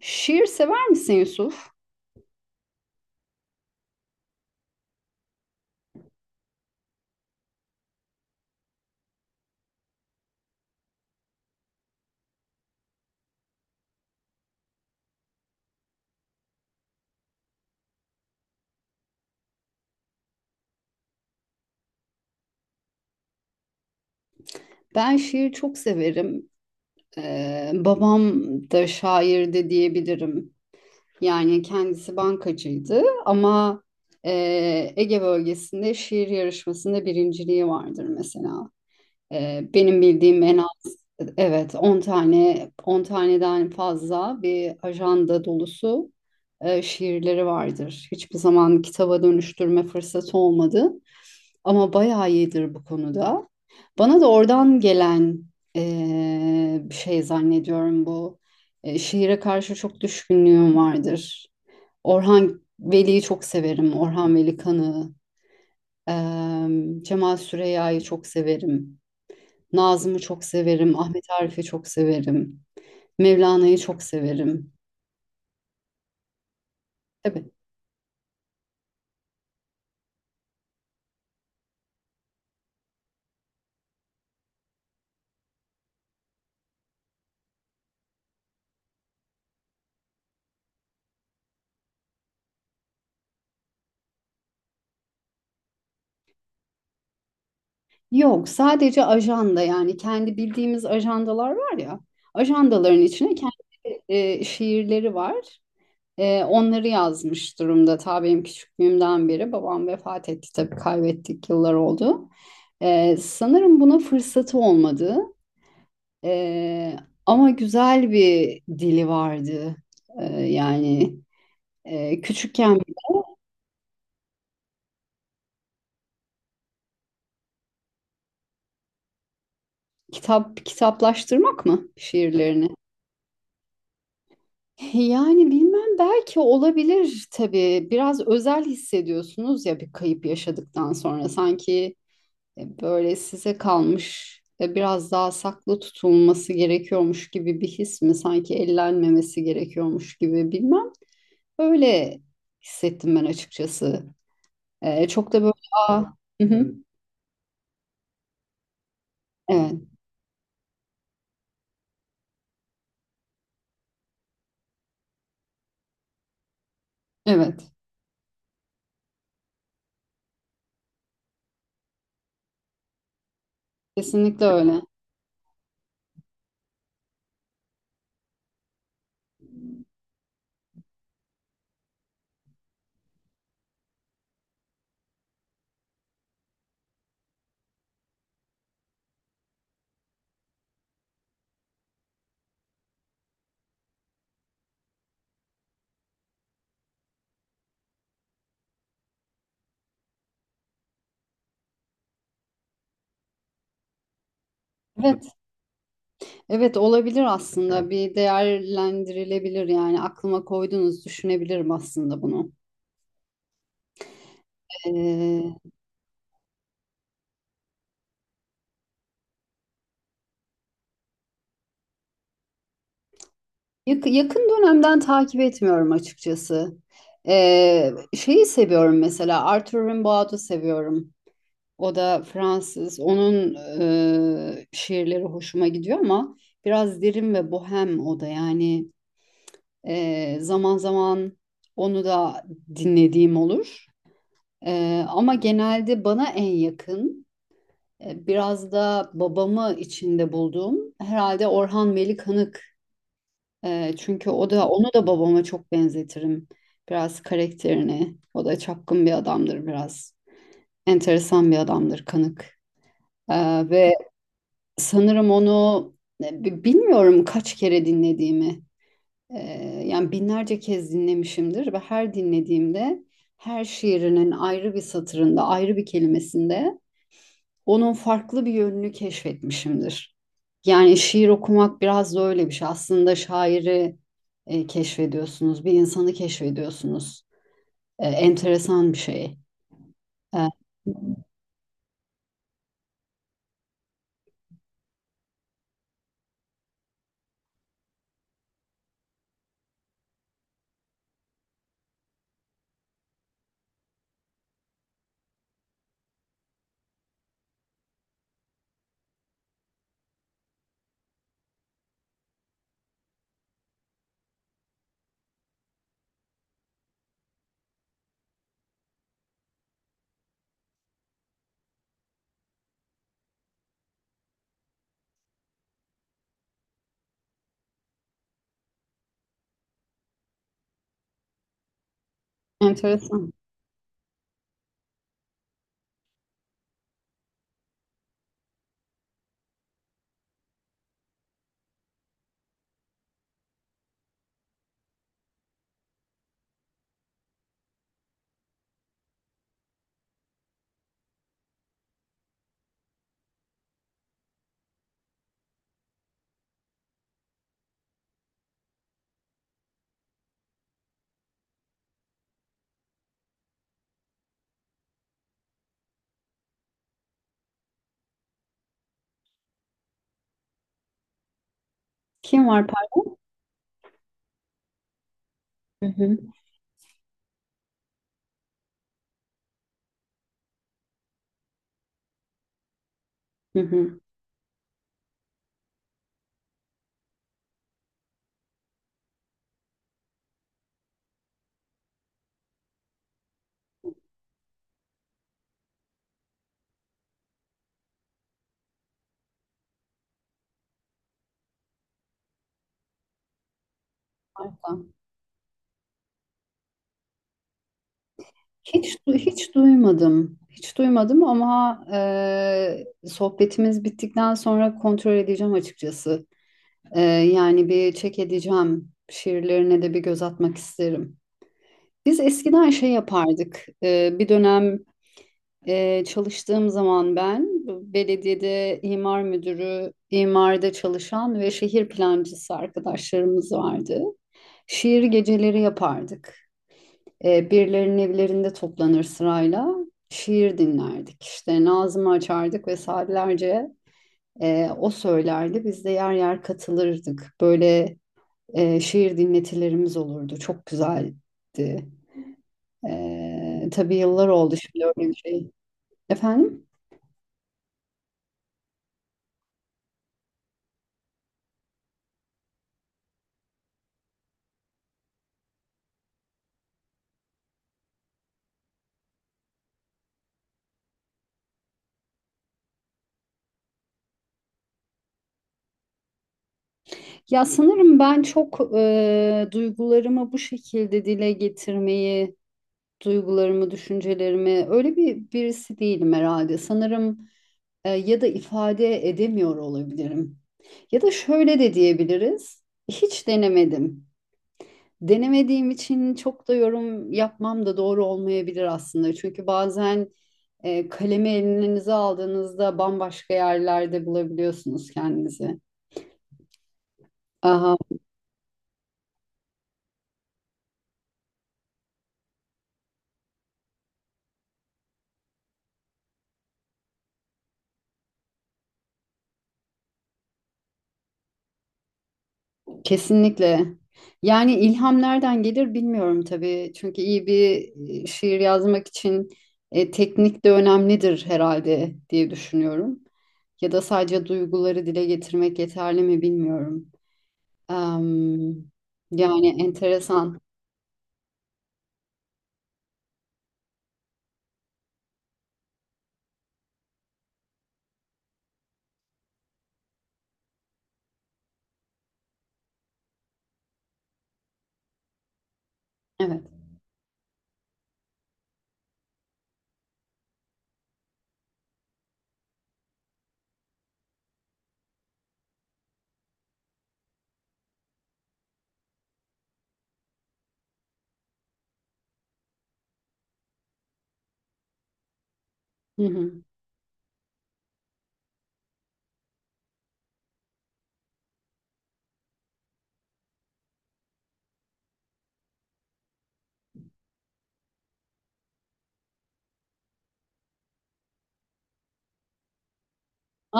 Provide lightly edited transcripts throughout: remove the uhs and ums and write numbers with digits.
Şiir sever misin Yusuf? Ben şiir çok severim. Babam da şairdi diyebilirim. Yani kendisi bankacıydı ama Ege bölgesinde şiir yarışmasında birinciliği vardır mesela. Benim bildiğim en az evet 10 tane 10 taneden fazla bir ajanda dolusu şiirleri vardır. Hiçbir zaman kitaba dönüştürme fırsatı olmadı, ama bayağı iyidir bu konuda. Bana da oradan gelen bir şey zannediyorum bu. Şiire karşı çok düşkünlüğüm vardır. Orhan Veli'yi çok severim. Orhan Veli Kanık'ı. Cemal Süreyya'yı çok severim. Nazım'ı çok severim. Ahmet Arif'i çok severim. Mevlana'yı çok severim. Tabii. Yok, sadece ajanda, yani kendi bildiğimiz ajandalar var ya. Ajandaların içine kendi şiirleri var. Onları yazmış durumda. Ta benim küçüklüğümden beri, babam vefat etti tabii, kaybettik, yıllar oldu. Sanırım buna fırsatı olmadı. Ee, Ama güzel bir dili vardı. Ee, yani Küçükken kitap kitaplaştırmak mı şiirlerini? Yani bilmem, belki olabilir tabii. Biraz özel hissediyorsunuz ya, bir kayıp yaşadıktan sonra sanki. Böyle size kalmış ve biraz daha saklı tutulması gerekiyormuş gibi bir his mi? Sanki ellenmemesi gerekiyormuş gibi, bilmem. Öyle hissettim ben açıkçası. E, çok da böyle aa, hı hı, evet, evet, kesinlikle öyle. Evet, evet, olabilir aslında. Bir değerlendirilebilir, yani aklıma koydunuz, düşünebilirim aslında bunu. E, Yakın dönemden takip etmiyorum açıkçası. Şeyi seviyorum mesela, Arthur Rimbaud'u seviyorum. O da Fransız. Onun şiirleri hoşuma gidiyor ama biraz derin ve bohem o da. Zaman zaman onu da dinlediğim olur. E, ama genelde bana en yakın, biraz da babamı içinde bulduğum herhalde Orhan Veli Kanık. Çünkü o da onu da babama çok benzetirim. Biraz karakterini. O da çapkın bir adamdır biraz. Enteresan bir adamdır, Kanık. Ve sanırım onu bilmiyorum kaç kere dinlediğimi. Ee, Yani binlerce kez dinlemişimdir ve her dinlediğimde her şiirinin ayrı bir satırında, ayrı bir kelimesinde onun farklı bir yönünü keşfetmişimdir. Yani şiir okumak biraz da öyle bir şey. Aslında şairi keşfediyorsunuz, bir insanı keşfediyorsunuz. Enteresan bir şey. E, enteresan. Kim var? Par- Hı hı. Hı hı. Harika. Hiç duymadım. Hiç duymadım ama sohbetimiz bittikten sonra kontrol edeceğim açıkçası. Yani bir çek edeceğim. Şiirlerine de bir göz atmak isterim. Biz eskiden şey yapardık. Bir dönem çalıştığım zaman ben, belediyede imar müdürü, imarda çalışan ve şehir plancısı arkadaşlarımız vardı. Şiir geceleri yapardık. Birilerinin evlerinde toplanır, sırayla şiir dinlerdik. İşte Nazım'ı açardık ve saatlerce o söylerdi. Biz de yer yer katılırdık. Böyle şiir dinletilerimiz olurdu. Çok güzeldi. Tabii yıllar oldu şimdi öyle bir şey. Efendim? Ya sanırım ben çok duygularımı bu şekilde dile getirmeyi, duygularımı, düşüncelerimi öyle bir birisi değilim herhalde. Sanırım ya da ifade edemiyor olabilirim. Ya da şöyle de diyebiliriz. Hiç denemedim. Denemediğim için çok da yorum yapmam da doğru olmayabilir aslında. Çünkü bazen kalemi elinize aldığınızda bambaşka yerlerde bulabiliyorsunuz kendinizi. Aha, kesinlikle. Yani ilham nereden gelir bilmiyorum tabii. Çünkü iyi bir şiir yazmak için teknik de önemlidir herhalde diye düşünüyorum. Ya da sadece duyguları dile getirmek yeterli mi bilmiyorum. Am, Yani enteresan. Evet. Hı hı.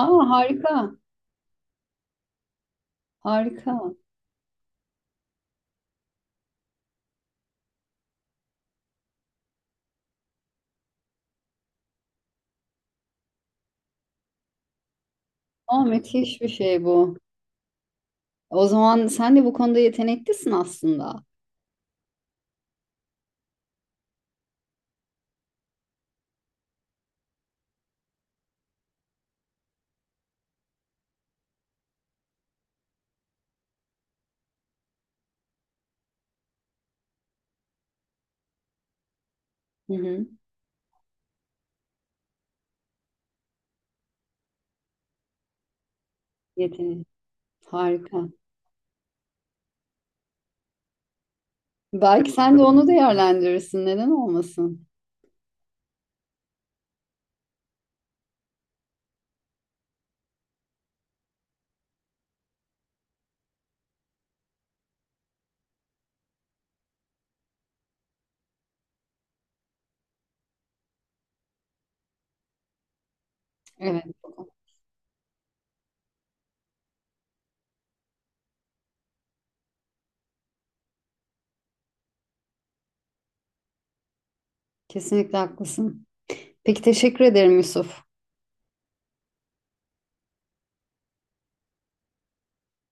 Aa, harika. Harika. Aa, müthiş bir şey bu. O zaman sen de bu konuda yeteneklisin aslında. Hı hı. Yetenek. Harika. Belki sen de onu değerlendirirsin. Neden olmasın? Evet. Kesinlikle haklısın. Peki teşekkür ederim Yusuf.